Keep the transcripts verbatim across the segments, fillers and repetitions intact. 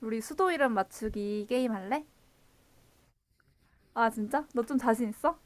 우리 수도 이름 맞추기 게임 할래? 아, 진짜? 너 좀 자신 있어?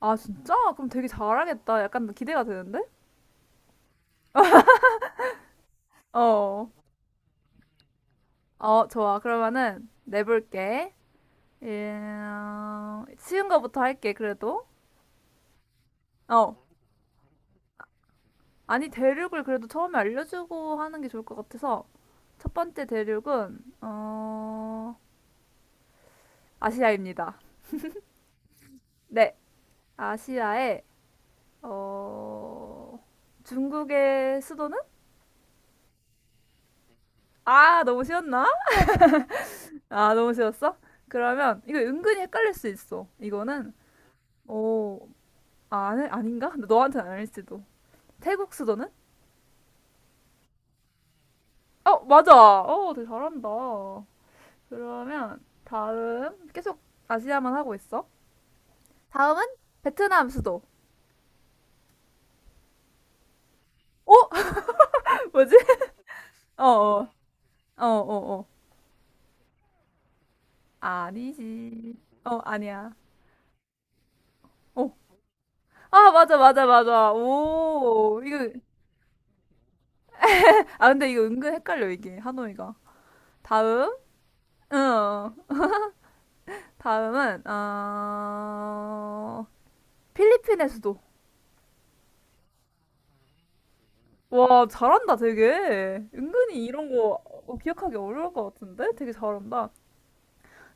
아, 진짜? 그럼 되게 잘하겠다. 약간 기대가 되는데? 어. 어, 좋아. 그러면은 내볼게. 음, 쉬운 거부터 할게, 그래도. 어. 아니, 대륙을 그래도 처음에 알려주고 하는 게 좋을 것 같아서. 첫 번째 대륙은, 어, 아시아입니다. 네. 아시아의, 어, 중국의 수도는? 아, 너무 쉬웠나? 아, 너무 쉬웠어? 그러면 이거 은근히 헷갈릴 수 있어. 이거는 어, 아, 아니, 아닌가? 근데 너한테는 아닐지도. 태국 수도는? 어, 맞아. 어, 되게 잘한다. 그러면 다음 계속 아시아만 하고 있어. 다음은 베트남 수도. 어? 뭐지? 어, 어, 어, 어, 어. 아니지. 어, 아니야. 어. 아, 맞아, 맞아, 맞아. 오, 이거, 아, 근데 이거 은근 헷갈려, 이게, 하노이가. 다음? 응. 다음은 어... 필리핀의 수도. 와, 잘한다, 되게. 은근히 이런 거 어, 기억하기 어려울 것 같은데? 되게 잘한다.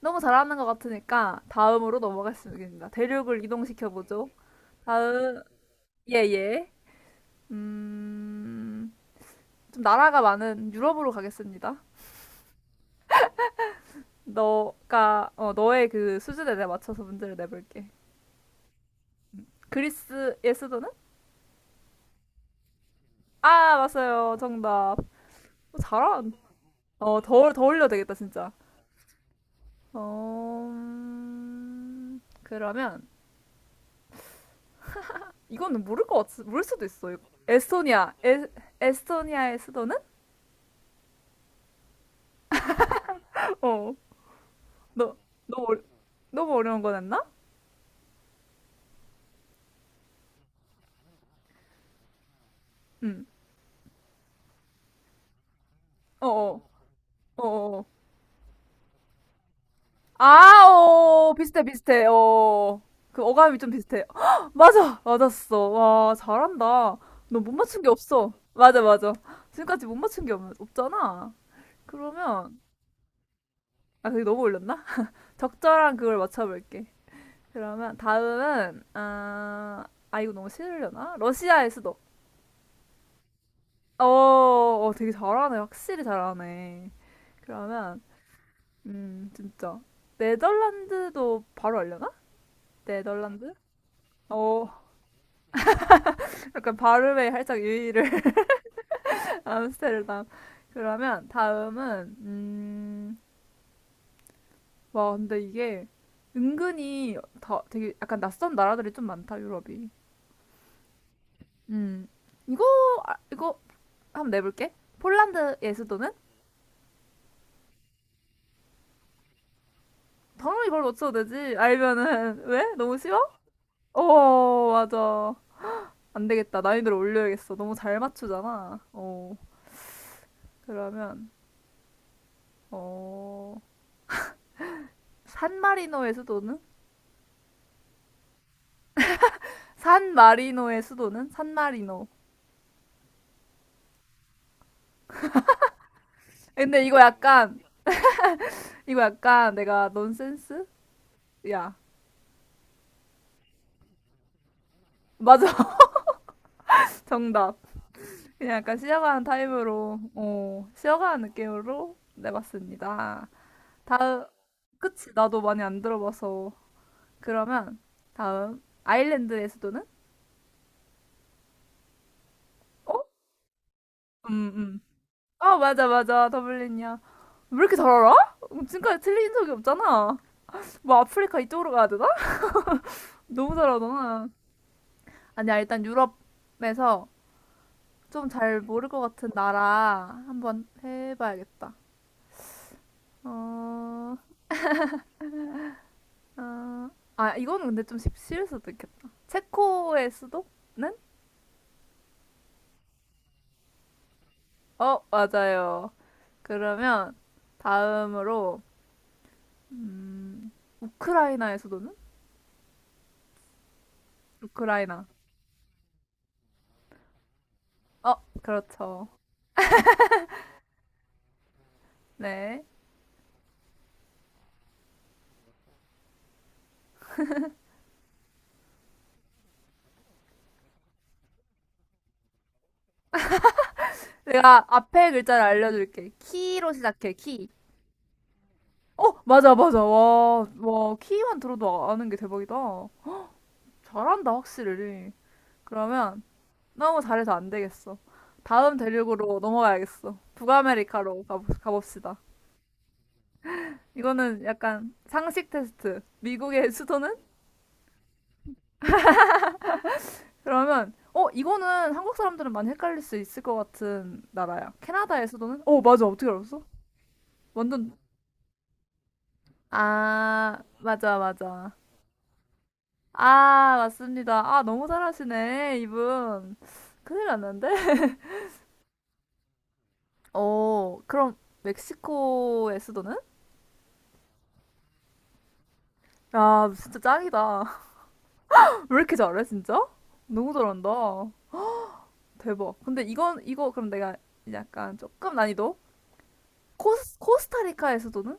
너무 잘하는 것 같으니까 다음으로 넘어가겠습니다. 대륙을 이동시켜보죠. 다음, 예, 예. 음, 좀 나라가 많은 유럽으로 가겠습니다. 너가, 어, 너의 그 수준에 내 맞춰서 문제를 내볼게. 그리스의 수도는? 아, 맞아요. 정답. 어, 잘한. 어, 더, 더 올려야 되겠다, 진짜. 어, 음, 그러면 이거는 모를 것 같, 모를 수도 있어. 이거. 에스토니아, 에, 에스토니아의 수도는? 어, 너, 너무, 어려, 너무 어려운 거 냈나? 응, 어, 어, 어, 어. 아, 어, 비슷해, 비슷해, 어. 그 어감이 좀 비슷해. 헉, 맞아, 맞았어. 와, 잘한다. 너 못 맞춘 게 없어. 맞아, 맞아. 지금까지 못 맞춘 게 없, 없잖아. 그러면, 아, 그게 너무 올렸나? 적절한 그걸 맞춰볼게. 그러면 다음은 아, 아 이거 너무 싫으려나? 러시아의 수도. 어, 어 되게 잘하네. 확실히 잘하네. 그러면 음 진짜 네덜란드도 바로 알려나? 네덜란드? 어 약간 발음에 살짝 유의를 암스테르담. 그러면 다음은 음 와 근데 이게 은근히 다 되게 약간 낯선 나라들이 좀 많다 유럽이. 음 이거 아, 이거 한번 내볼게. 폴란드의 수도는? 당연히 바로 맞춰도 되지. 알면은 왜? 너무 쉬워? 어, 맞아. 안 되겠다. 난이도를 올려야겠어. 너무 잘 맞추잖아. 어, 그러면 어, 산마리노의 수도는? 산마리노의 수도는? 산마리노. 근데 이거 약간 이거 약간 내가 넌센스? 야, 맞아. 정답. 그냥 약간 쉬어가는 타임으로 어, 쉬어가는 느낌으로 내봤습니다. 다음 그치, 나도 많이 안 들어봐서. 그러면 다음 아일랜드의 수도는? 어? 음, 음. 아 맞아 맞아 더블린이야. 왜 이렇게 잘 알아? 음, 지금까지 틀린 적이 없잖아. 뭐 아프리카 이쪽으로 가야 되나? 너무 잘하잖 아니야 일단 유럽에서 좀 잘 모를 것 같은 나라 한번 해봐야겠다. 어, 어, 아 이거는 근데 좀 쉽- 쉬울 수도 있겠다. 체코의 수도는? 어 맞아요. 그러면 다음으로 음, 우크라이나에서도는? 우크라이나. 어, 그렇죠. 네. 내가 앞에 글자를 알려줄게. 키로 시작해, 키. 어, 맞아, 맞아. 와, 와, 키만 들어도 아는 게 대박이다. 잘한다, 확실히. 그러면 너무 잘해서 안 되겠어. 다음 대륙으로 넘어가야겠어. 북아메리카로 가, 가봅시다. 이거는 약간 상식 테스트. 미국의 수도는? 그러면 어 이거는 한국 사람들은 많이 헷갈릴 수 있을 것 같은 나라야. 캐나다에서도는 어 맞아 어떻게 알았어? 완전 아 맞아 맞아 아 맞습니다. 아 너무 잘하시네 이분 큰일 났는데. 어 그럼 멕시코의 수도는? 아 진짜 짱이다. 왜 이렇게 잘해 진짜? 너무 잘한다. 대박. 근데 이건 이거 그럼 내가 약간 조금 난이도 코스 코스타리카의 수도는?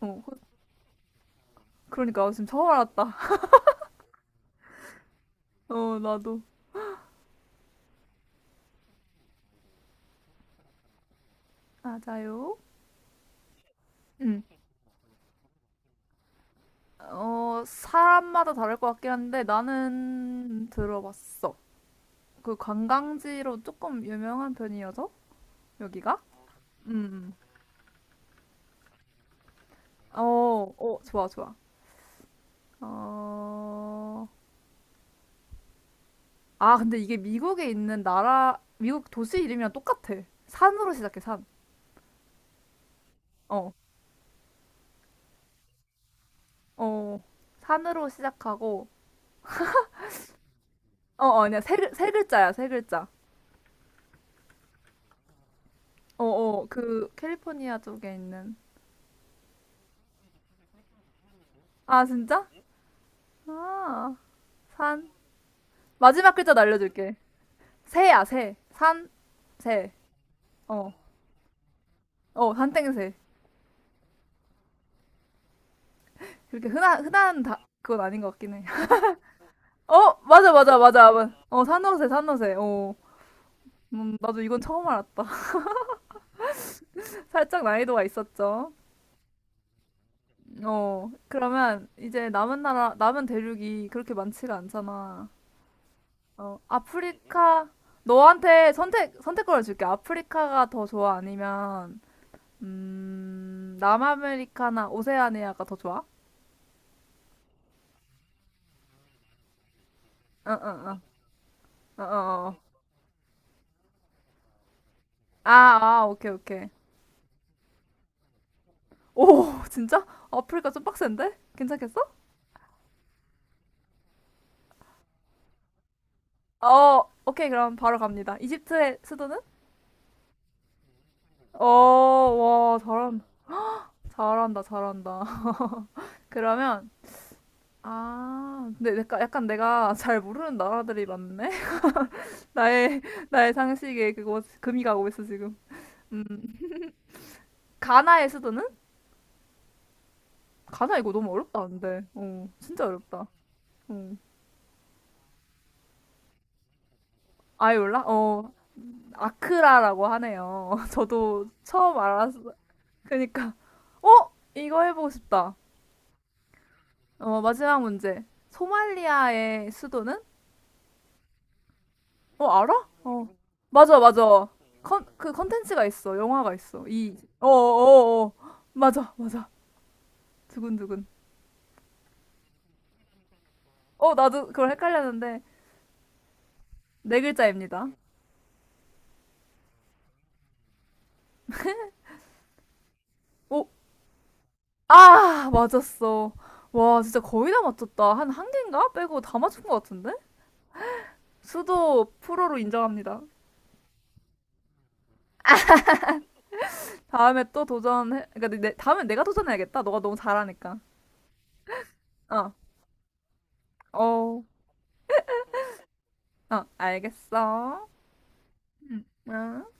어 코- 그러니까 지금 처음 알았다. 어, 나도. 맞아요. 응. 어, 사람마다 다를 것 같긴 한데 나는 들어봤어. 그 관광지로 조금 유명한 편이어서 여기가? 음. 음. 어, 어, 좋아, 좋아. 어. 아, 근데 이게 미국에 있는 나라 미국 도시 이름이랑 똑같아. 산으로 시작해, 산. 어. 어. 산으로 시작하고 어, 어, 아니야. 세, 글- 세 글자야, 세 글자. 어, 어. 그 캘리포니아 쪽에 있는 아, 진짜? 아, 산. 마지막 글자도 알려줄게. 새야, 새. 산, 새. 어, 어, 산땡새. 그렇게 흔한, 흔한 다, 그건 아닌 것 같긴 해. 어, 맞아, 맞아, 맞아. 맞아. 어, 산호새, 산호새. 어, 음, 나도 이건 처음 알았다. 살짝 난이도가 있었죠. 어, 그러면 이제 남은 나라, 남은 대륙이 그렇게 많지가 않잖아. 어, 아프리카, 너한테 선택, 선택권을 줄게. 아프리카가 더 좋아? 아니면 음, 남아메리카나 오세아니아가 더 좋아? 어, 어, 어, 어, 어. 어. 아, 아, 오케이, 오케이. 오, 진짜? 아프리카 좀 빡센데? 괜찮겠어? 어, 오케이, 그럼 바로 갑니다. 이집트의 수도는? 어, 와, 잘한, 잘한다, 잘한다. 그러면, 아, 근데 내가, 약간 내가 잘 모르는 나라들이 많네? 나의, 나의 상식에 그거 금이 가고 있어, 지금. 음, 가나의 수도는? 가나 이거 너무 어렵다, 근데. 어, 진짜 어렵다. 어. 아이 몰라? 어, 아크라라고 하네요. 저도 처음 알았어. 그니까, 어? 이거 해보고 싶다. 어, 마지막 문제. 소말리아의 수도는? 어, 알아? 어. 맞아, 맞아. 컨, 그 컨텐츠가 있어. 영화가 있어. 이, 어, 어, 어. 어. 맞아, 맞아. 두근두근. 어, 나도 그걸 헷갈렸는데. 네 글자입니다. 오, 아, 맞았어. 와, 진짜 거의 다 맞췄다. 한 한 개인가? 빼고 다 맞춘 것 같은데? 수도 프로로 인정합니다. 다음에 또 도전해. 그러니까 내, 다음엔 내가 도전해야겠다. 너가 너무 잘하니까. 어, 어, 어, 알겠어. 응.